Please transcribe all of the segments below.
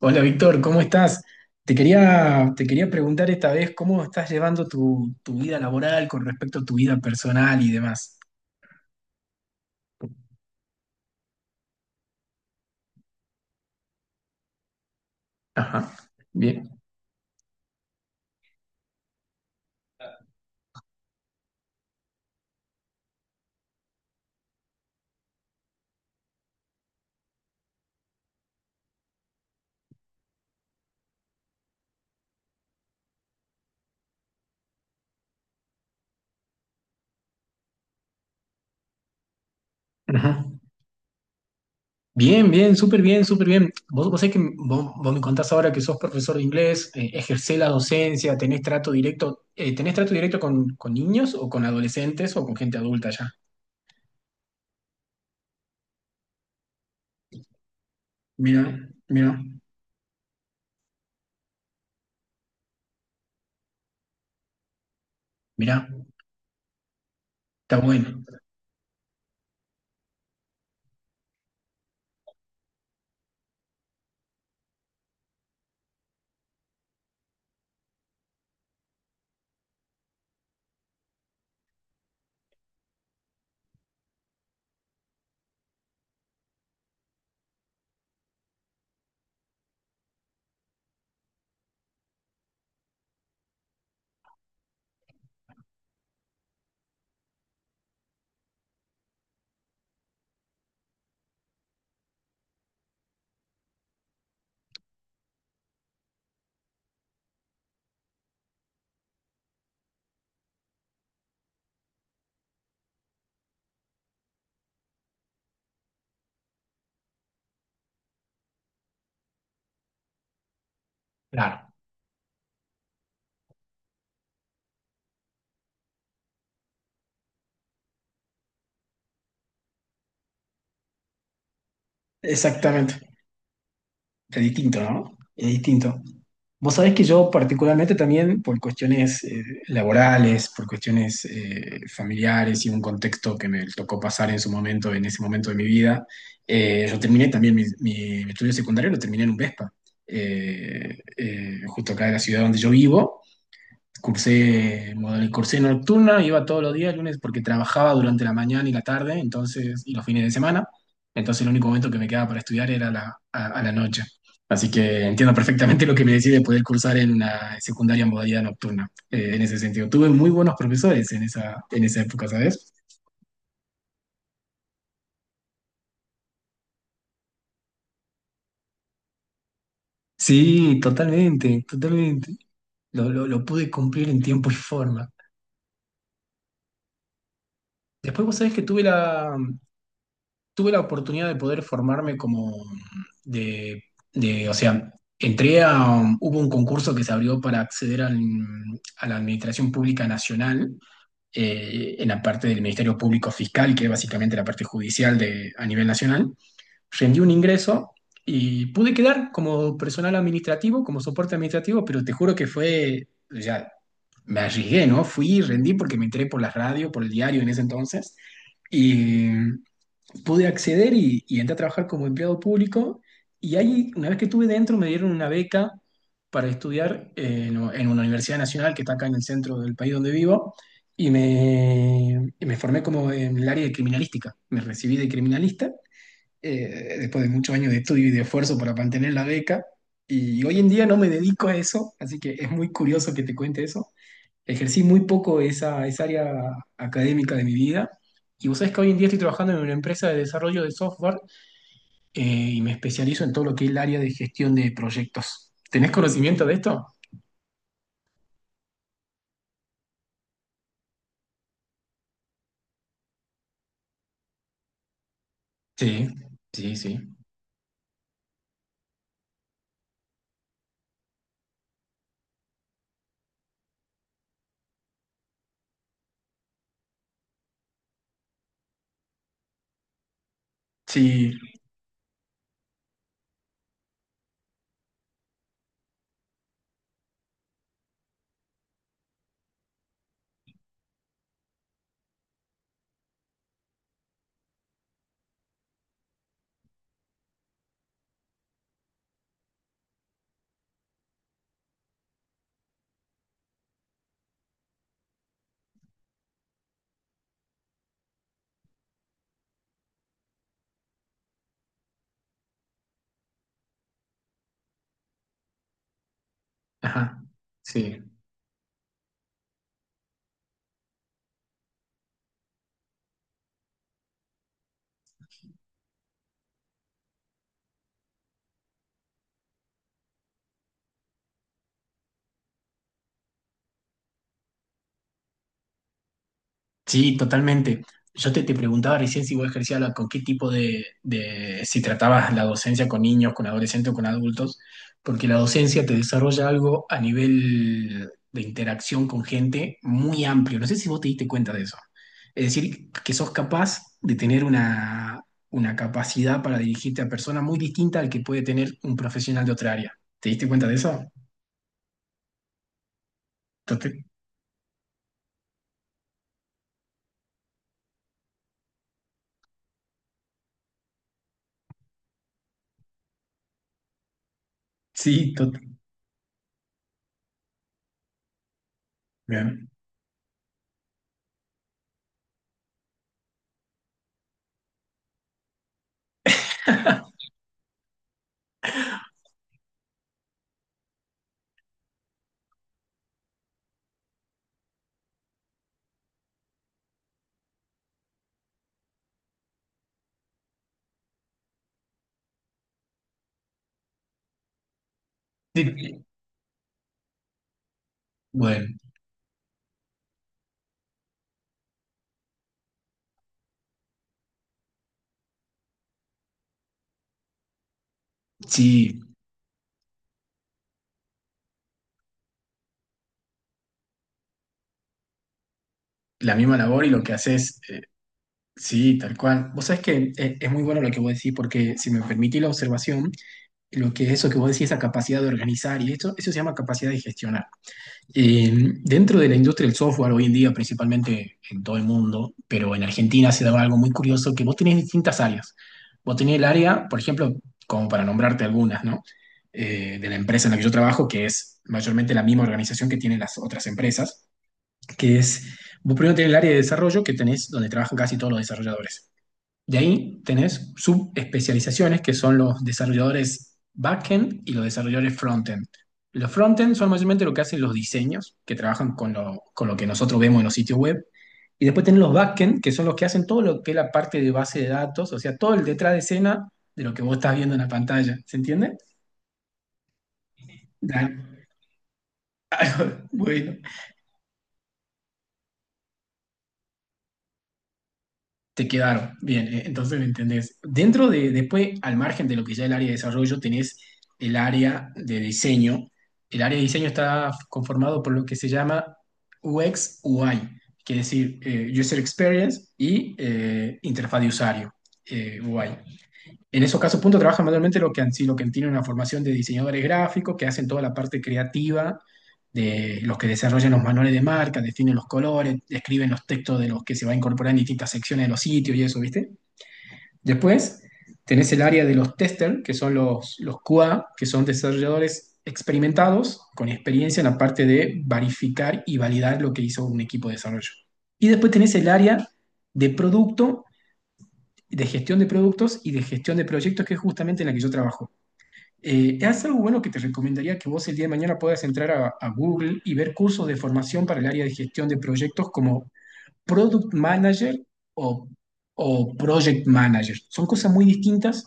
Hola Víctor, ¿cómo estás? Te quería preguntar esta vez cómo estás llevando tu vida laboral con respecto a tu vida personal y demás. Ajá, bien. Ajá. Bien, bien, súper bien, súper bien. Vos sabés que vos me contás ahora que sos profesor de inglés, ejercés la docencia, ¿tenés trato directo con niños o con adolescentes o con gente adulta ya? Mira, mira, mira, está bueno. Claro. Exactamente. Es distinto, ¿no? Es distinto. Vos sabés que yo particularmente también por cuestiones laborales, por cuestiones familiares y un contexto que me tocó pasar en su momento, en ese momento de mi vida, yo terminé también mi, mi estudio secundario, lo terminé en un Vespa, justo acá en la ciudad donde yo vivo, cursé, cursé nocturna, iba todos los días, lunes, porque trabajaba durante la mañana y la tarde, entonces, y los fines de semana. Entonces, el único momento que me quedaba para estudiar era a la noche. Así que entiendo perfectamente lo que me decís de poder cursar en una secundaria en modalidad nocturna, en ese sentido. Tuve muy buenos profesores en esa época, ¿sabes? Sí, totalmente, totalmente. Lo pude cumplir en tiempo y forma. Después vos sabés que tuve la oportunidad de poder formarme como de, o sea, hubo un concurso que se abrió para acceder a la Administración Pública Nacional, en la parte del Ministerio Público Fiscal, que es básicamente la parte judicial de, a nivel nacional. Rendí un ingreso y pude quedar como personal administrativo, como soporte administrativo, pero te juro que fue, ya, me arriesgué, ¿no? Fui y rendí porque me entré por la radio, por el diario en ese entonces. Y pude acceder y entré a trabajar como empleado público. Y ahí, una vez que estuve dentro, me dieron una beca para estudiar en una universidad nacional que está acá en el centro del país donde vivo. Y me formé como en el área de criminalística. Me recibí de criminalista después de muchos años de estudio y de esfuerzo para mantener la beca. Y hoy en día no me dedico a eso, así que es muy curioso que te cuente eso. Ejercí muy poco esa, esa área académica de mi vida. Y vos sabés que hoy en día estoy trabajando en una empresa de desarrollo de software eh, y me especializo en todo lo que es el área de gestión de proyectos. ¿Tenés conocimiento de esto? Sí, sí, sí. Sí, ajá, sí. Sí, totalmente. Te preguntaba recién si vos ejercías con qué tipo de, si tratabas la docencia con niños, con adolescentes o con adultos, porque la docencia te desarrolla algo a nivel de interacción con gente muy amplio. No sé si vos te diste cuenta de eso. Es decir, que sos capaz de tener una capacidad para dirigirte a personas muy distinta al que puede tener un profesional de otra área. ¿Te diste cuenta de eso? Tote- sí, bien. Sí, Bueno, sí. La misma labor y lo que haces, sí, tal cual. Vos sabés que es muy bueno lo que vos decís, porque si me permitís la observación, lo que es eso que vos decís, esa capacidad de organizar, y esto, eso se llama capacidad de gestionar. Eh, dentro de la industria del software, hoy en día, principalmente en todo el mundo, pero en Argentina se daba algo muy curioso, que vos tenés distintas áreas. Vos tenés el área, por ejemplo, como para nombrarte algunas, ¿no? De la empresa en la que yo trabajo, que es mayormente la misma organización que tienen las otras empresas que es, vos primero tenés el área de desarrollo que tenés donde trabajan casi todos los desarrolladores. De ahí tenés subespecializaciones que son los desarrolladores backend y los desarrolladores frontend. Los frontend son mayormente lo que hacen los diseños, que trabajan con lo que nosotros vemos en los sitios web. Y después tenés los backend, que son los que hacen todo lo que es la parte de base de datos, o sea, todo el detrás de escena de lo que vos estás viendo en la pantalla. ¿Se entiende? Dale. Bueno, te quedaron. Bien, entonces me entendés. Dentro de, después, al margen de lo que ya es el área de desarrollo, tenés el área de diseño. El área de diseño está conformado por lo que se llama UX UI, que es decir, User Experience y interfaz de usuario, UI. En esos casos, punto, trabajan manualmente lo que han sido, que tienen una formación de diseñadores gráficos, que hacen toda la parte creativa de los que desarrollan los manuales de marca, definen los colores, escriben los textos de los que se va a incorporar en distintas secciones de los sitios y eso, ¿viste? Después tenés el área de los testers, que son los QA, que son desarrolladores experimentados, con experiencia en la parte de verificar y validar lo que hizo un equipo de desarrollo. Y después tenés el área de producto de gestión de productos y de gestión de proyectos, que es justamente en la que yo trabajo. Es algo bueno que te recomendaría que vos el día de mañana puedas entrar a Google y ver cursos de formación para el área de gestión de proyectos como Product Manager o, o Project Manager. Son cosas muy distintas,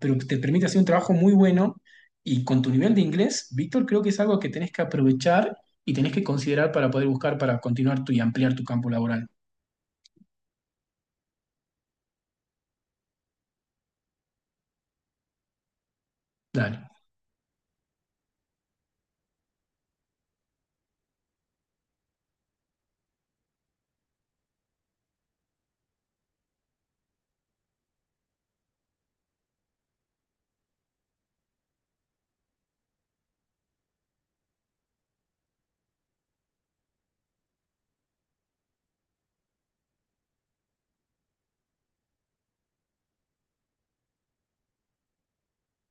pero que te permite hacer un trabajo muy bueno y con tu nivel de inglés, Víctor, creo que es algo que tenés que aprovechar y tenés que considerar para poder buscar, para continuar tu, y ampliar tu campo laboral. Dale.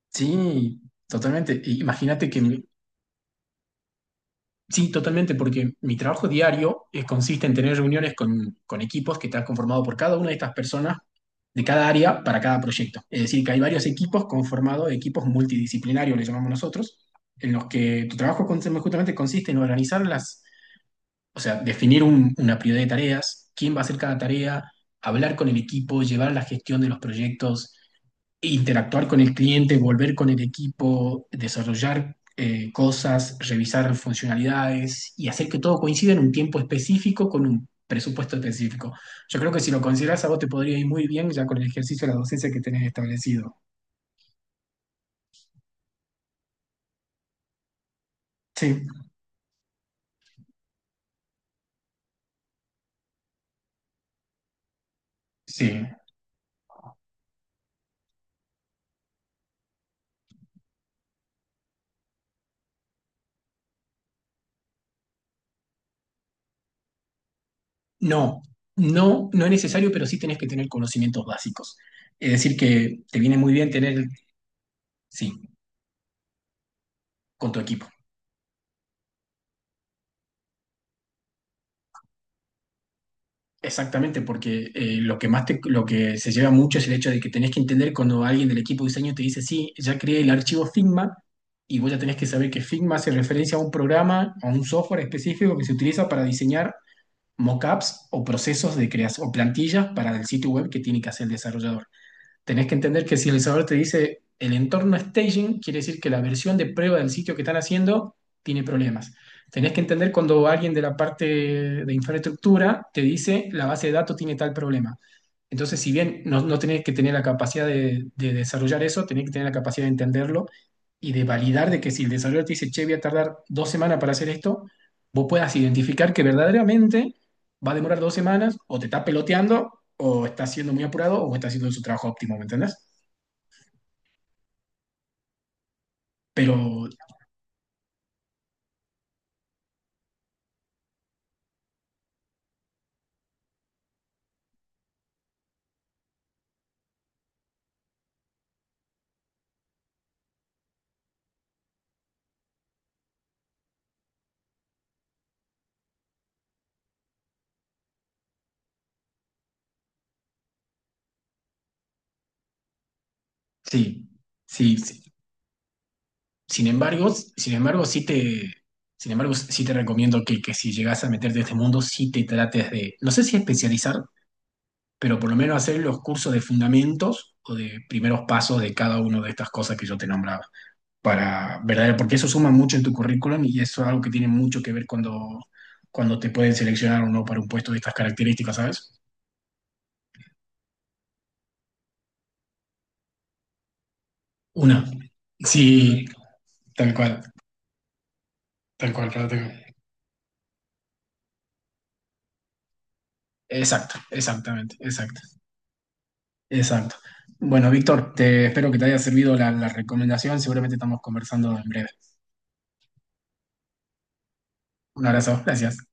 Sí, totalmente. Imagínate sí, totalmente, porque mi trabajo diario consiste en tener reuniones con equipos que están conformados por cada una de estas personas de cada área para cada proyecto. Es decir, que hay varios equipos conformados, equipos multidisciplinarios, le llamamos nosotros, en los que tu trabajo justamente consiste en organizar las, o sea, definir una prioridad de tareas, quién va a hacer cada tarea, hablar con el equipo, llevar la gestión de los proyectos, interactuar con el cliente, volver con el equipo, desarrollar cosas, revisar funcionalidades y hacer que todo coincida en un tiempo específico con un presupuesto específico. Yo creo que si lo consideras a vos te podría ir muy bien ya con el ejercicio de la docencia que tenés establecido. Sí, sí. No, no es necesario, pero sí tenés que tener conocimientos básicos. Es decir, que te viene muy bien tener, sí, con tu equipo. Exactamente, porque lo que más lo que se lleva mucho es el hecho de que tenés que entender cuando alguien del equipo de diseño te dice, sí, ya creé el archivo Figma, y vos ya tenés que saber que Figma hace referencia a un programa, a un software específico que se utiliza para diseñar mockups o procesos de creación, o plantillas para el sitio web que tiene que hacer el desarrollador. Tenés que entender que si el sabor te dice el entorno staging, quiere decir que la versión de prueba del sitio que están haciendo tiene problemas. Tenés que entender cuando alguien de la parte de infraestructura te dice la base de datos tiene tal problema. Entonces, si bien no tenés que tener la capacidad de desarrollar eso, tenés que tener la capacidad de entenderlo y de validar de que si el desarrollador te dice, che, voy a tardar dos semanas para hacer esto, vos puedas identificar que verdaderamente va a demorar dos semanas, o te está peloteando, o está siendo muy apurado, o está haciendo su trabajo óptimo, ¿me entendés? Pero sí, sí, sí. Sin embargo, sin embargo, sí te, sin embargo, sí te recomiendo que si llegas a meterte en este mundo, sí te trates de, no sé si especializar, pero por lo menos hacer los cursos de fundamentos o de primeros pasos de cada una de estas cosas que yo te nombraba. Para, ¿verdad? Porque eso suma mucho en tu currículum y eso es algo que tiene mucho que ver cuando, cuando te pueden seleccionar o no para un puesto de estas características, ¿sabes? Una. Sí, tal cual, tal cual, pero exacto, exactamente, exacto, exacto. Bueno, Víctor, te espero que te haya servido la, la recomendación. Seguramente estamos conversando en breve. Un abrazo, gracias.